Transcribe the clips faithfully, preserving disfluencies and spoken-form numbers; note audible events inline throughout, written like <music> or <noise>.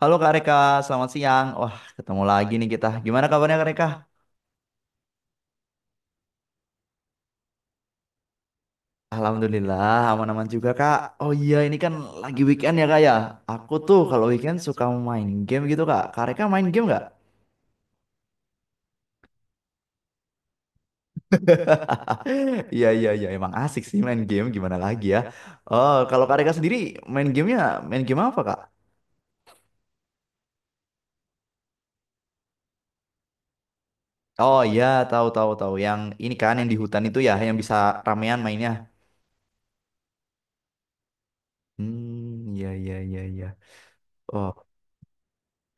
Halo Kak Reka, selamat siang. Wah, ketemu lagi nih kita. Gimana kabarnya Kak Reka? Alhamdulillah, aman-aman juga Kak. Oh iya, ini kan lagi weekend ya Kak ya. Aku tuh kalau weekend suka main game gitu Kak. Kak Reka main game nggak? <laughs> Iya, iya, iya. Emang asik sih main game, gimana lagi ya. Oh, kalau Kak Reka sendiri main gamenya, main game apa Kak? Oh iya, tahu tahu tahu. Yang ini kan yang di hutan itu ya, yang bisa ramean mainnya. Hmm, iya, iya, iya, iya. Oh,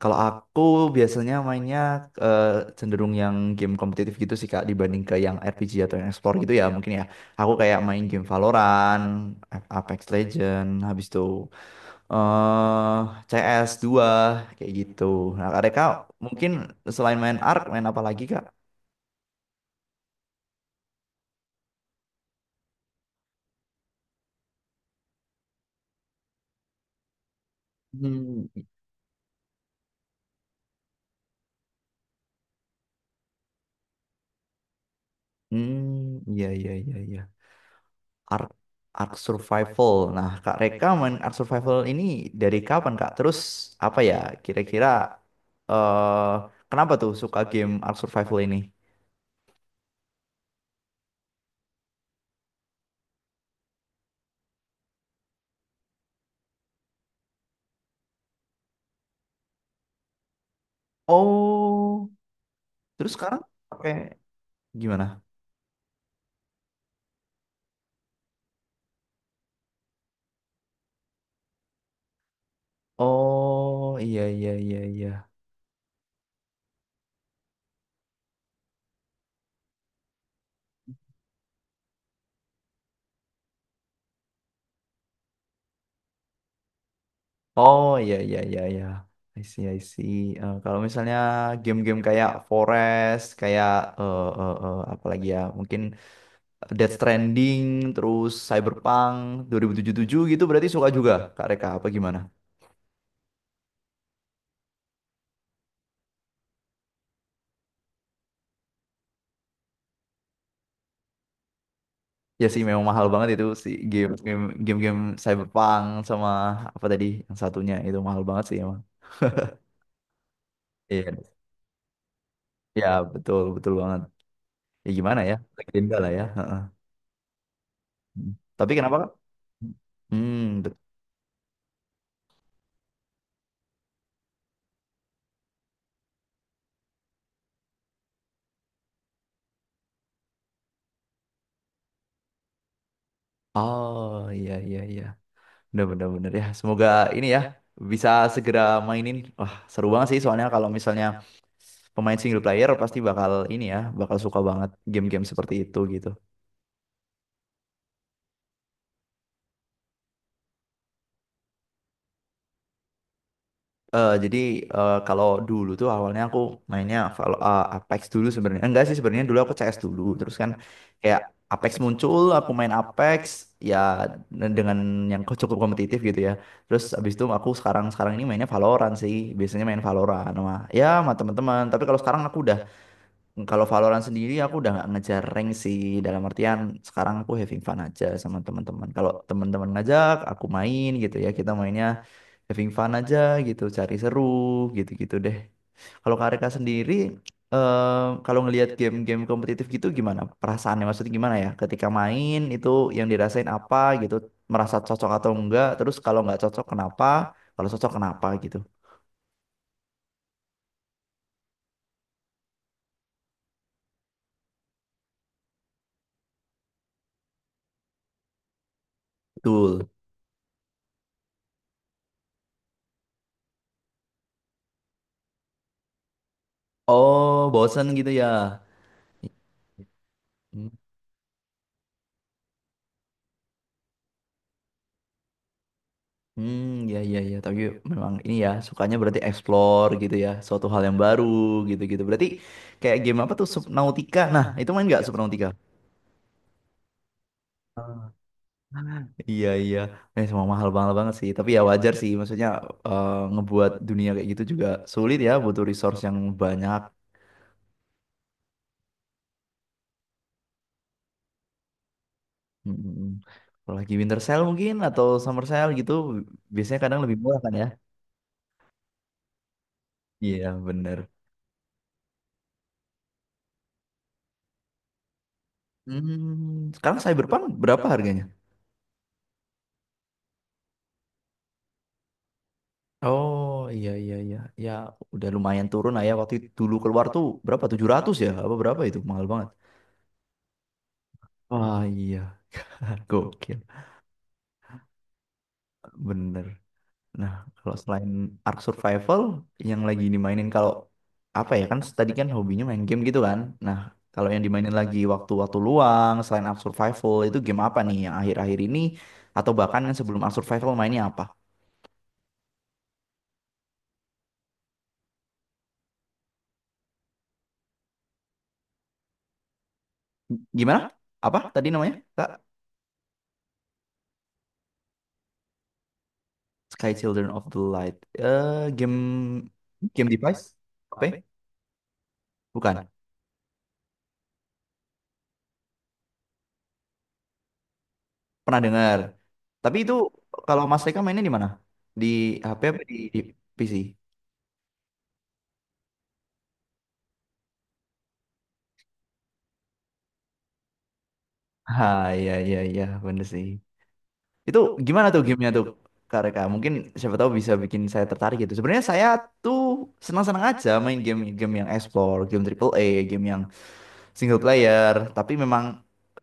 kalau aku biasanya mainnya eh, cenderung yang game kompetitif gitu sih Kak, dibanding ke yang R P G atau yang explore gitu ya mungkin ya. Aku kayak main game Valorant, A- Apex Legend, habis itu eh C S dua kayak gitu. Nah, Kak mungkin selain main Ark main apa lagi Kak? Hmm. Hmm, iya iya iya iya. Ark Ark Survival. Nah, Kak Reka main Ark Survival ini dari kapan, Kak? Terus apa ya, kira-kira eh kenapa tuh suka game Ark Survival ini? Oh, terus sekarang pakai gimana? Oh, iya iya iya iya. Oh, iya iya iya iya. I see, I see. Eh, kalau misalnya game-game kayak Forest, kayak eh eh, eh, apa lagi ya? Mungkin Death Stranding, terus Cyberpunk dua puluh tujuh puluh tujuh gitu berarti suka juga Kak Reka apa gimana? Ya sih memang mahal banget itu, si game game game, game Cyberpunk sama apa tadi yang satunya, itu mahal banget sih emang. Iya, ya betul betul banget. Ya gimana ya? Legenda lah ya. Heeh. Tapi kenapa Kak? Hmm. bet- Oh iya iya iya. Bener, bener, bener ya. Semoga ini ya bisa segera mainin. Wah, seru banget sih soalnya, kalau misalnya pemain single player pasti bakal ini ya, bakal suka banget game-game seperti itu gitu. Eh jadi eh, kalau dulu tuh awalnya aku mainnya Val- eh, Apex dulu sebenarnya. Enggak sih sebenarnya dulu aku C S dulu. Terus kan kayak Apex muncul, aku main Apex ya dengan yang <laughs> cukup kompetitif gitu ya. Terus abis itu aku sekarang sekarang ini mainnya Valorant sih. Biasanya main Valorant sama, ya sama teman-teman. Tapi kalau sekarang aku udah. Kalau Valorant sendiri aku udah nggak ngejar rank sih, dalam artian sekarang aku having fun aja sama teman-teman. Kalau teman-teman ngajak aku main gitu ya kita mainnya having fun aja, gitu cari seru gitu-gitu deh. Kalau Karika sendiri eh, kalau ngelihat game-game kompetitif gitu gimana perasaannya, maksudnya gimana ya ketika main itu, yang dirasain apa gitu, merasa cocok atau enggak, terus kalau nggak cocok kenapa, kalau cocok kenapa gitu. Betul. Oh bosen gitu ya. Hmm, ya, ya, ya. Tapi memang ini ya, sukanya berarti explore gitu ya, suatu hal yang baru gitu-gitu. Berarti kayak game apa tuh, Subnautica? Nah, itu main nggak Subnautica? Iya, iya. Eh, semua mahal banget banget sih. Tapi ya wajar sih, maksudnya eh, ngebuat dunia kayak gitu juga sulit ya, butuh resource yang banyak. Hmm. Kalau lagi winter sale mungkin atau summer sale gitu, biasanya kadang lebih murah kan ya? Iya, bener. Hmm, sekarang Cyberpunk berapa harganya? Oh iya iya iya, ya udah lumayan turun lah ya. Waktu itu dulu keluar tuh berapa, tujuh ratus ya apa berapa, itu mahal banget. Wah iya, <laughs> gokil bener. Nah, kalau selain Ark Survival yang lagi dimainin, kalau apa ya, kan tadi kan hobinya main game gitu kan, nah kalau yang dimainin lagi waktu-waktu luang selain Ark Survival itu game apa nih yang akhir-akhir ini, atau bahkan yang sebelum Ark Survival mainnya apa? Gimana, apa tadi namanya Kak? Sky Children of the Light. Eh, game game device? Apa? Ya? Bukan. Pernah dengar. Tapi itu, kalau Mas Eka mainnya di mana? Di H P apa di, di P C? Ah, iya iya iya bener sih. Itu gimana tuh gamenya tuh Kak Reka? Mungkin siapa tahu bisa bikin saya tertarik gitu. Sebenarnya saya tuh senang-senang aja main game-game yang explore, game triple A, game yang single player. Tapi memang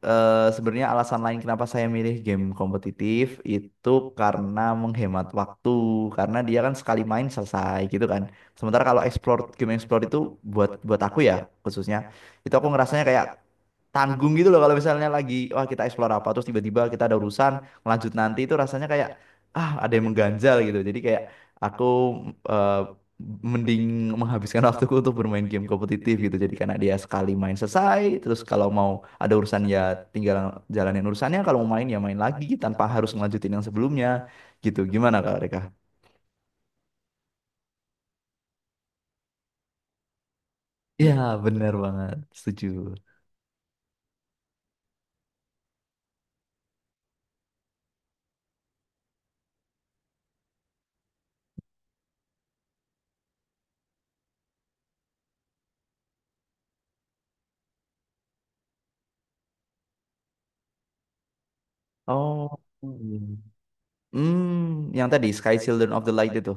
eh, sebenarnya alasan lain kenapa saya milih game kompetitif itu karena menghemat waktu. Karena dia kan sekali main selesai gitu kan. Sementara kalau explore, game explore itu buat buat aku ya khususnya, itu aku ngerasanya kayak tanggung gitu loh, kalau misalnya lagi wah kita explore apa terus tiba-tiba kita ada urusan, lanjut nanti, itu rasanya kayak ah ada yang mengganjal gitu. Jadi kayak aku eh, mending menghabiskan <laughs> waktuku untuk bermain game kompetitif gitu, jadi karena dia sekali main selesai, terus kalau mau ada urusan ya tinggal jalanin urusannya, kalau mau main ya main lagi tanpa harus ngelanjutin yang sebelumnya gitu. Gimana Kak Reka? Iya bener banget, setuju. Oh iya. Hmm, yang tadi Sky Children of the Light itu.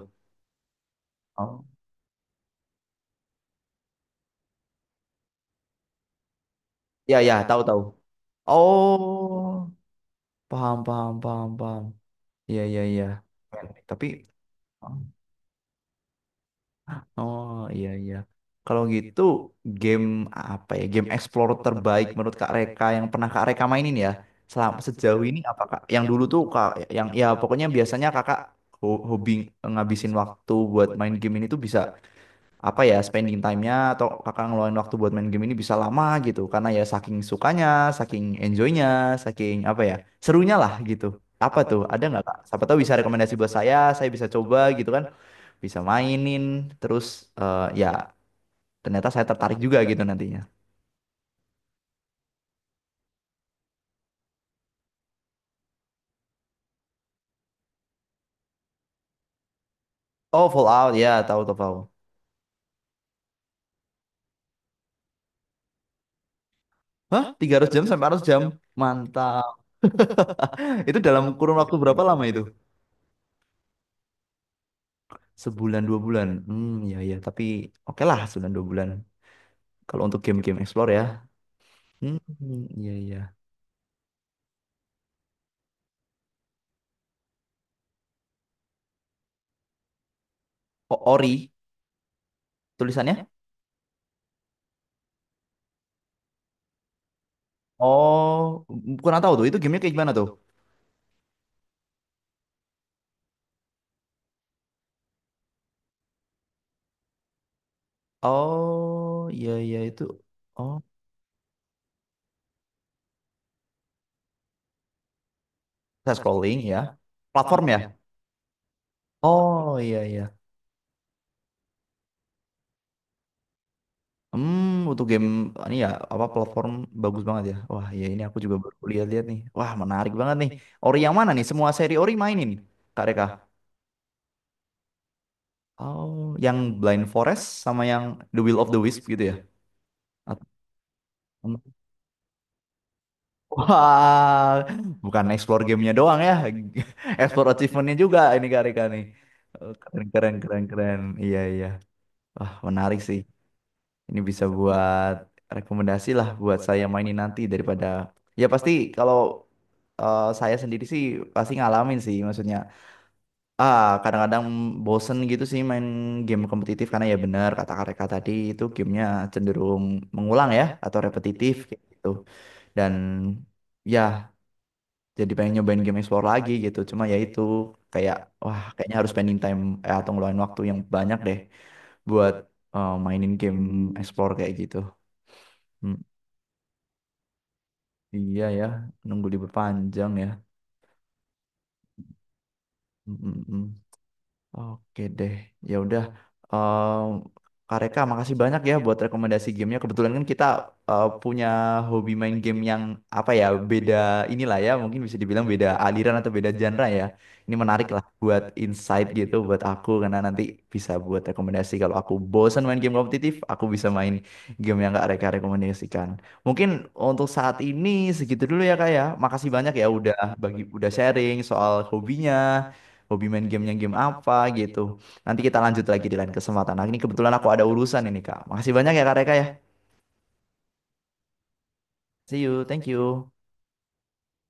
Oh. Ya, ya, tahu tahu. Oh, paham, paham, paham, paham. Iya, iya, iya. Keren. Tapi, oh iya, iya. Kalau gitu, game apa ya? Game Explorer terbaik menurut Kak Reka yang pernah Kak Reka mainin ya? Selama sejauh ini apa Kak? Yang dulu tuh Kak, yang ya pokoknya biasanya Kakak ho- hobi ngabisin waktu buat main game ini tuh bisa, apa ya, spending time-nya, atau kakak ngeluarin waktu buat main game ini bisa lama gitu karena ya saking sukanya, saking enjoy-nya, saking apa ya serunya lah gitu. Apa tuh? Ada nggak Kak? Siapa tahu bisa rekomendasi buat saya, saya bisa coba gitu kan, bisa mainin, terus eh, ya ternyata saya tertarik juga gitu nantinya. Oh Fallout ya, tahu tahu, tahu. Tiga ratus jam sampai empat ratus jam, mantap. <laughs> Itu dalam kurun waktu berapa lama itu? Sebulan dua bulan. Hmm ya ya, tapi oke lah, sebulan dua bulan. Kalau untuk game-game explore ya. Hmm, iya iya. O- Ori tulisannya? Oh, kurang tahu tuh. Itu gamenya kayak gimana tuh? Oh, iya iya itu. Oh, saya scrolling ya. Platform ya? Oh, iya iya. Hmm, untuk game ini ya, apa platform, bagus banget ya. Wah, ya ini aku juga baru lihat-lihat nih. Wah, menarik banget nih. Ori yang mana nih? Semua seri Ori mainin, Kak Reka? Oh, yang Blind Forest sama yang The Will of the Wisp gitu ya? Wah, bukan explore gamenya doang ya, <laughs> explore achievementnya juga ini Kak Rika nih. Oh, keren, keren, keren, keren. Iya, iya. Wah, menarik sih. Ini bisa buat rekomendasi lah buat saya mainin nanti daripada... Ya pasti kalau eh, saya sendiri sih pasti ngalamin sih maksudnya. Ah, kadang-kadang bosen gitu sih main game kompetitif, karena ya bener kata Kak Rika tadi, itu gamenya cenderung mengulang ya atau repetitif kayak gitu. Dan... ya, jadi pengen nyobain game explore lagi gitu, cuma ya itu kayak wah kayaknya harus spending time, eh, atau ngeluarin waktu yang banyak deh buat eh, mainin game explore kayak gitu. Hmm, iya ya, nunggu libur panjang ya. Mm, mm, mm. Oke deh, ya udah. Em, Kak Reka, makasih banyak ya buat rekomendasi gamenya. Kebetulan kan kita eh, punya hobi main game yang apa ya, beda inilah ya, mungkin bisa dibilang beda aliran atau beda genre ya. Ini menarik lah buat insight gitu buat aku, karena nanti bisa buat rekomendasi. Kalau aku bosan main game kompetitif, aku bisa main game yang Kak Reka rekomendasikan. Mungkin untuk saat ini segitu dulu ya Kak ya. Makasih banyak ya udah bagi, udah sharing soal hobinya, hobi main gamenya game apa gitu. Nanti kita lanjut lagi di lain kesempatan. Nah, ini kebetulan aku ada urusan ini, Kak. Makasih banyak ya, Kak Reka ya. See you, thank you.